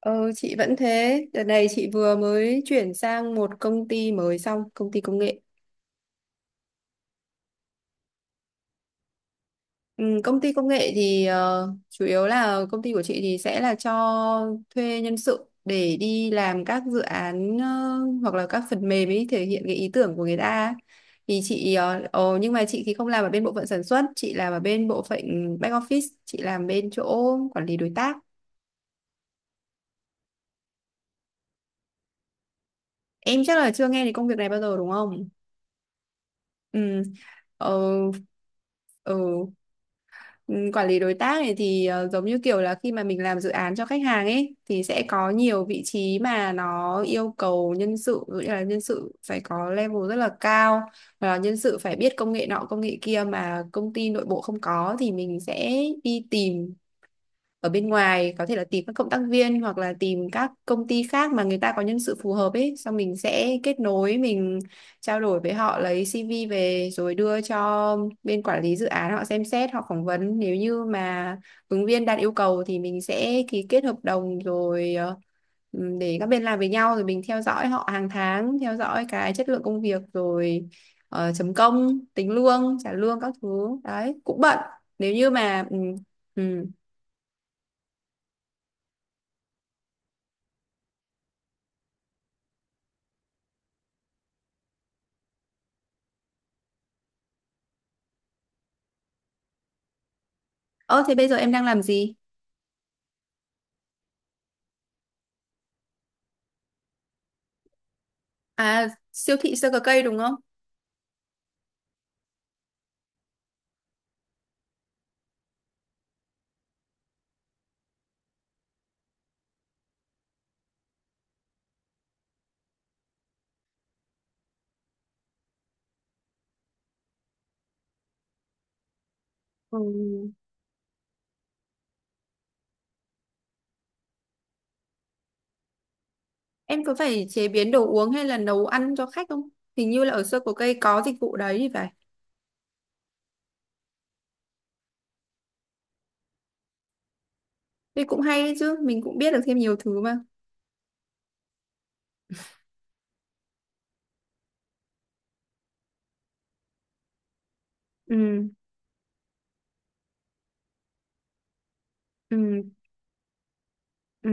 Ờ, chị vẫn thế. Đợt này chị vừa mới chuyển sang một công ty mới xong, công ty công nghệ. Ừ, công ty công nghệ thì chủ yếu là công ty của chị thì sẽ là cho thuê nhân sự để đi làm các dự án hoặc là các phần mềm ấy thể hiện cái ý tưởng của người ta. Thì chị nhưng mà chị thì không làm ở bên bộ phận sản xuất, chị làm ở bên bộ phận back office, chị làm bên chỗ quản lý đối tác. Em chắc là chưa nghe đến công việc này bao giờ đúng không? Ừ. Ờ, ừ. Ừ, quản lý đối tác này thì giống như kiểu là khi mà mình làm dự án cho khách hàng ấy thì sẽ có nhiều vị trí mà nó yêu cầu nhân sự, ví dụ như là nhân sự phải có level rất là cao và nhân sự phải biết công nghệ nọ công nghệ kia mà công ty nội bộ không có thì mình sẽ đi tìm ở bên ngoài, có thể là tìm các cộng tác viên hoặc là tìm các công ty khác mà người ta có nhân sự phù hợp ấy, xong mình sẽ kết nối, mình trao đổi với họ lấy CV về rồi đưa cho bên quản lý dự án họ xem xét, họ phỏng vấn, nếu như mà ứng viên đạt yêu cầu thì mình sẽ ký kết hợp đồng rồi để các bên làm với nhau, rồi mình theo dõi họ hàng tháng, theo dõi cái chất lượng công việc rồi chấm công, tính lương, trả lương các thứ, đấy cũng bận nếu như mà ừ, ừ, Ơ thế bây giờ em đang làm gì? À, siêu thị sơ cờ cây đúng không? Ừ. Em có phải chế biến đồ uống hay là nấu ăn cho khách không? Hình như là ở sơ cờ cây có dịch vụ đấy thì phải. Thế cũng hay đấy chứ, mình cũng biết được thêm nhiều thứ mà. Ừ. Ừ. Ừ.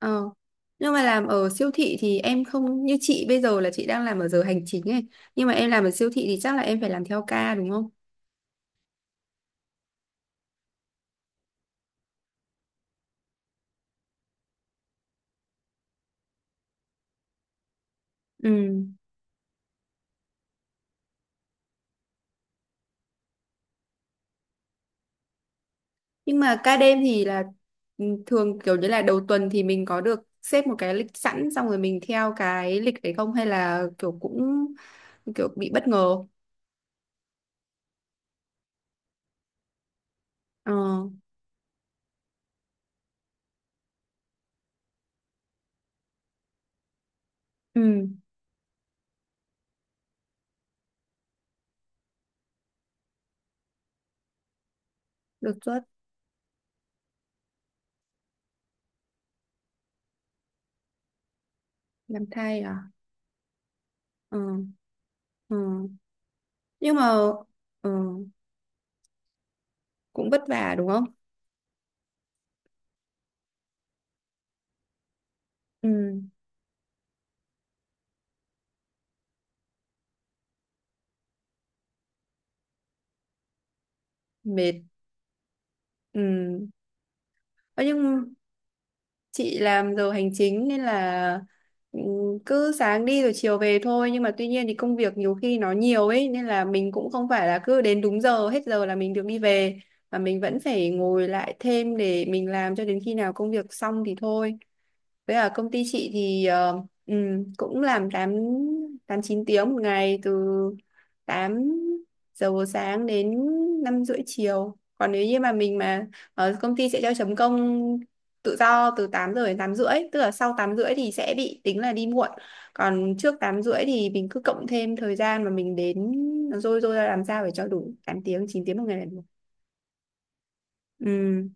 Ờ. Nhưng mà làm ở siêu thị thì em không như chị bây giờ là chị đang làm ở giờ hành chính ấy. Nhưng mà em làm ở siêu thị thì chắc là em phải làm theo ca đúng không? Ừ. Nhưng mà ca đêm thì là thường kiểu như là đầu tuần thì mình có được xếp một cái lịch sẵn, xong rồi mình theo cái lịch đấy, không hay là kiểu cũng kiểu bị bất ngờ. Ờ, ừ, đột xuất làm thai à? Ờ. Ừ. Nhưng mà ừ, cũng vất vả đúng không? Ừ, mệt. Ừ. Ờ, nhưng chị làm giờ hành chính nên là ừ, cứ sáng đi rồi chiều về thôi, nhưng mà tuy nhiên thì công việc nhiều khi nó nhiều ấy nên là mình cũng không phải là cứ đến đúng giờ hết giờ là mình được đi về, mà mình vẫn phải ngồi lại thêm để mình làm cho đến khi nào công việc xong thì thôi. Với ở công ty chị thì cũng làm tám, 8 9 tiếng một ngày, từ 8 giờ buổi sáng đến 5 rưỡi chiều. Còn nếu như mà mình mà ở công ty sẽ cho chấm công tự do từ 8 giờ đến 8 rưỡi, tức là sau 8 rưỡi thì sẽ bị tính là đi muộn. Còn trước 8 rưỡi thì mình cứ cộng thêm thời gian mà mình đến, nó rôi rôi ra làm sao để cho đủ 8 tiếng, 9 tiếng một ngày là được. Ừ.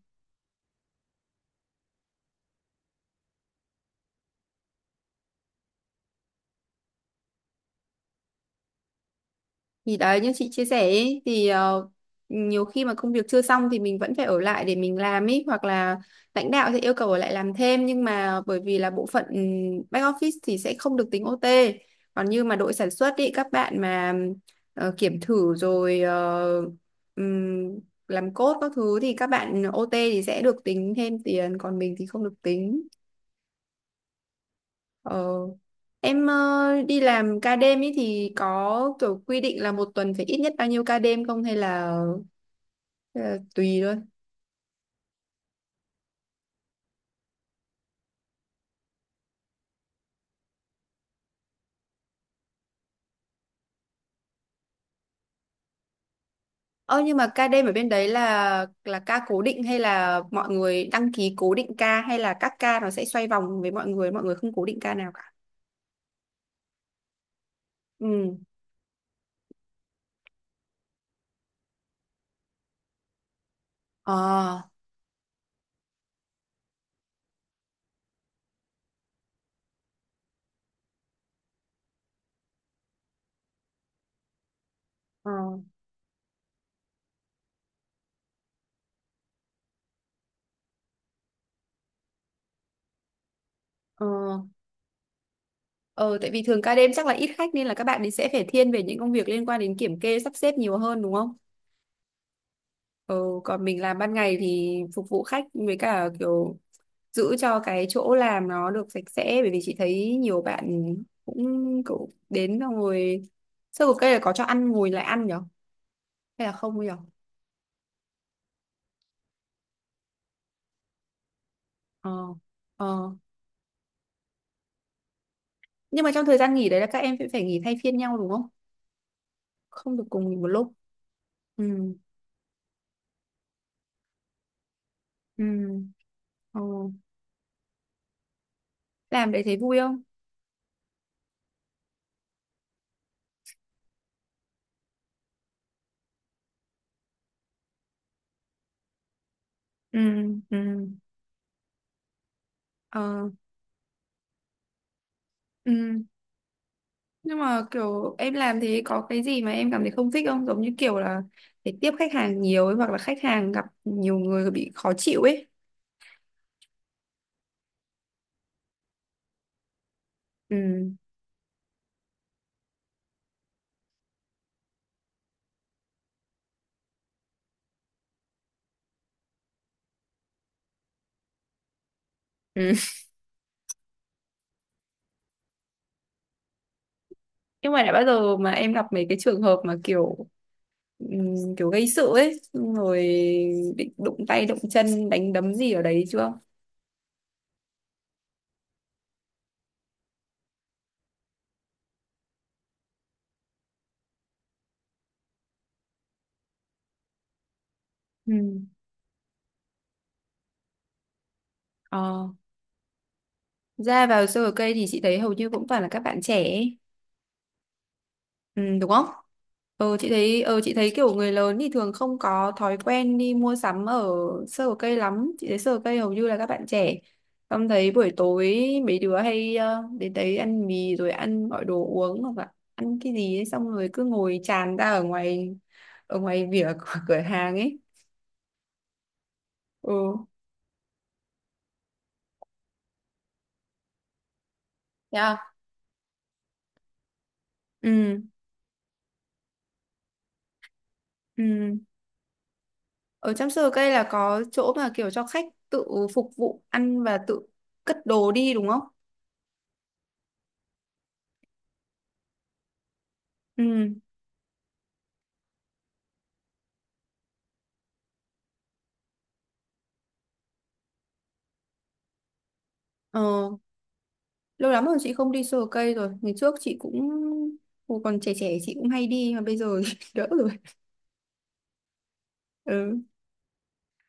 Thì đấy như chị chia sẻ ấy, thì nhiều khi mà công việc chưa xong thì mình vẫn phải ở lại để mình làm ấy, hoặc là lãnh đạo sẽ yêu cầu ở lại làm thêm, nhưng mà bởi vì là bộ phận back office thì sẽ không được tính OT. Còn như mà đội sản xuất ý, các bạn mà kiểm thử rồi ừm, làm code các thứ thì các bạn OT thì sẽ được tính thêm tiền, còn mình thì không được tính. Ờ. Em đi làm ca đêm ấy thì có kiểu quy định là một tuần phải ít nhất bao nhiêu ca đêm không, hay là, tùy luôn. Ơ nhưng mà ca đêm ở bên đấy là ca cố định hay là mọi người đăng ký cố định ca, hay là các ca nó sẽ xoay vòng với mọi người không cố định ca nào cả. Ừ. Ờ. Ờ. Ờ. Ờ, tại vì thường ca đêm chắc là ít khách nên là các bạn ấy sẽ phải thiên về những công việc liên quan đến kiểm kê, sắp xếp nhiều hơn đúng không? Ừ, còn mình làm ban ngày thì phục vụ khách, với cả kiểu giữ cho cái chỗ làm nó được sạch sẽ, bởi vì chị thấy nhiều bạn cũng cũng đến, xong rồi sơ cục cây là có cho ăn, ngồi lại ăn nhở hay là không nhở. ờ ờ nhưng mà trong thời gian nghỉ đấy là các em sẽ phải nghỉ thay phiên nhau đúng không, không được cùng nghỉ một lúc. Ừ. Ừ. Ờ. Làm đấy thấy vui không? Ừ. Ừ. Ờ. ừ nhưng mà kiểu em làm thế có cái gì mà em cảm thấy không thích không, giống như kiểu là phải tiếp khách hàng nhiều ấy, hoặc là khách hàng gặp nhiều người bị khó chịu ấy. Ừ. Ừ. Nhưng mà đã bao giờ mà em gặp mấy cái trường hợp mà kiểu kiểu gây sự ấy, xong rồi định đụng tay đụng chân, đánh đấm gì ở đấy chưa? Ừ. Ờ. Ra vào sơ ở cây thì chị thấy hầu như cũng toàn là các bạn trẻ ấy. Ừ, đúng không? Ờ, chị thấy kiểu người lớn thì thường không có thói quen đi mua sắm ở sơ hồ cây lắm. Chị thấy sơ hồ cây hầu như là các bạn trẻ. Em thấy buổi tối mấy đứa hay đến đấy ăn mì rồi ăn, gọi đồ uống hoặc là ăn cái gì ấy, xong rồi cứ ngồi tràn ra ở ngoài, ở ngoài vỉa của cửa hàng ấy. Ừ. Yeah. Ừ. Ừ. Ở trong sơ hồ cây là có chỗ mà kiểu cho khách tự phục vụ ăn và tự cất đồ đi đúng không? Ừ. Ờ. Lâu lắm rồi chị không đi sờ cây rồi, ngày trước chị cũng, hồi còn trẻ trẻ chị cũng hay đi, mà bây giờ đỡ rồi. Ừ.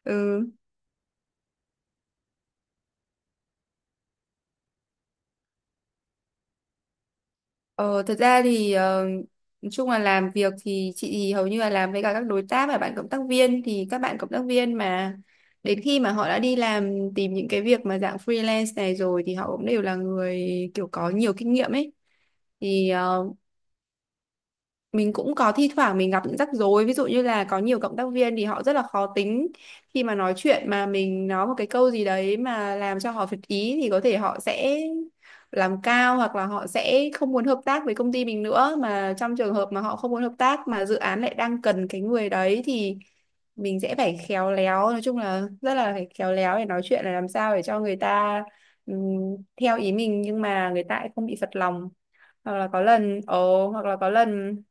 Ừ. ờ, Thật ra thì nói chung là làm việc thì chị thì hầu như là làm với cả các đối tác và bạn cộng tác viên, thì các bạn cộng tác viên mà đến khi mà họ đã đi làm tìm những cái việc mà dạng freelance này rồi thì họ cũng đều là người kiểu có nhiều kinh nghiệm ấy, thì mình cũng có thi thoảng mình gặp những rắc rối, ví dụ như là có nhiều cộng tác viên thì họ rất là khó tính, khi mà nói chuyện mà mình nói một cái câu gì đấy mà làm cho họ phật ý thì có thể họ sẽ làm cao, hoặc là họ sẽ không muốn hợp tác với công ty mình nữa, mà trong trường hợp mà họ không muốn hợp tác mà dự án lại đang cần cái người đấy thì mình sẽ phải khéo léo, nói chung là rất là phải khéo léo để nói chuyện, là làm sao để cho người ta ừm, theo ý mình nhưng mà người ta lại không bị phật lòng. Hoặc là có lần ồ hoặc là có lần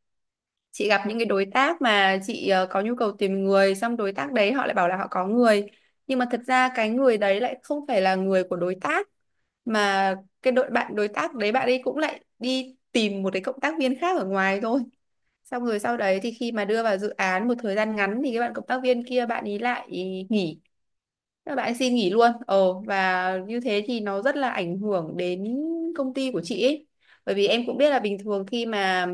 chị gặp những cái đối tác mà chị có nhu cầu tìm người, xong đối tác đấy họ lại bảo là họ có người, nhưng mà thật ra cái người đấy lại không phải là người của đối tác, mà cái đội bạn đối tác đấy bạn ấy cũng lại đi tìm một cái cộng tác viên khác ở ngoài thôi, xong rồi sau đấy thì khi mà đưa vào dự án một thời gian ngắn thì cái bạn cộng tác viên kia bạn ấy lại nghỉ, các bạn ấy xin nghỉ luôn, và như thế thì nó rất là ảnh hưởng đến công ty của chị ấy, bởi vì em cũng biết là bình thường khi mà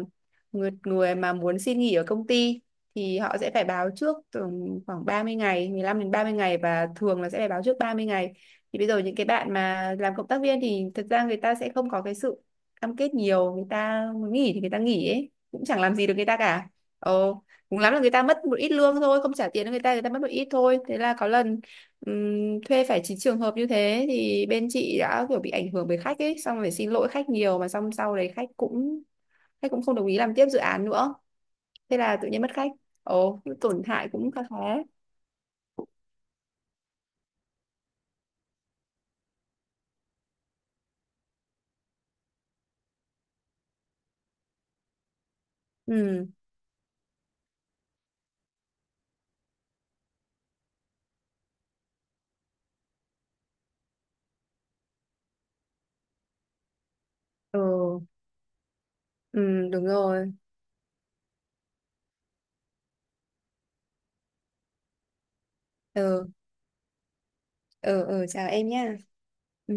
người mà muốn xin nghỉ ở công ty thì họ sẽ phải báo trước từ khoảng 30 ngày, 15 đến 30 ngày, và thường là sẽ phải báo trước 30 ngày, thì bây giờ những cái bạn mà làm cộng tác viên thì thật ra người ta sẽ không có cái sự cam kết nhiều, người ta muốn nghỉ thì người ta nghỉ ấy, cũng chẳng làm gì được người ta cả. ồ Cũng lắm là người ta mất một ít lương thôi, không trả tiền cho người ta, người ta mất một ít thôi, thế là có lần thuê phải chín trường hợp như thế thì bên chị đã kiểu bị ảnh hưởng bởi khách ấy, xong phải xin lỗi khách nhiều, mà xong sau đấy khách cũng không đồng ý làm tiếp dự án nữa, thế là tự nhiên mất khách. Tổn hại cũng khá khá. Ừ. Ừ. Ừ. Đúng rồi. Ừ. Ừ. Ừ. Chào em nhá. Ừ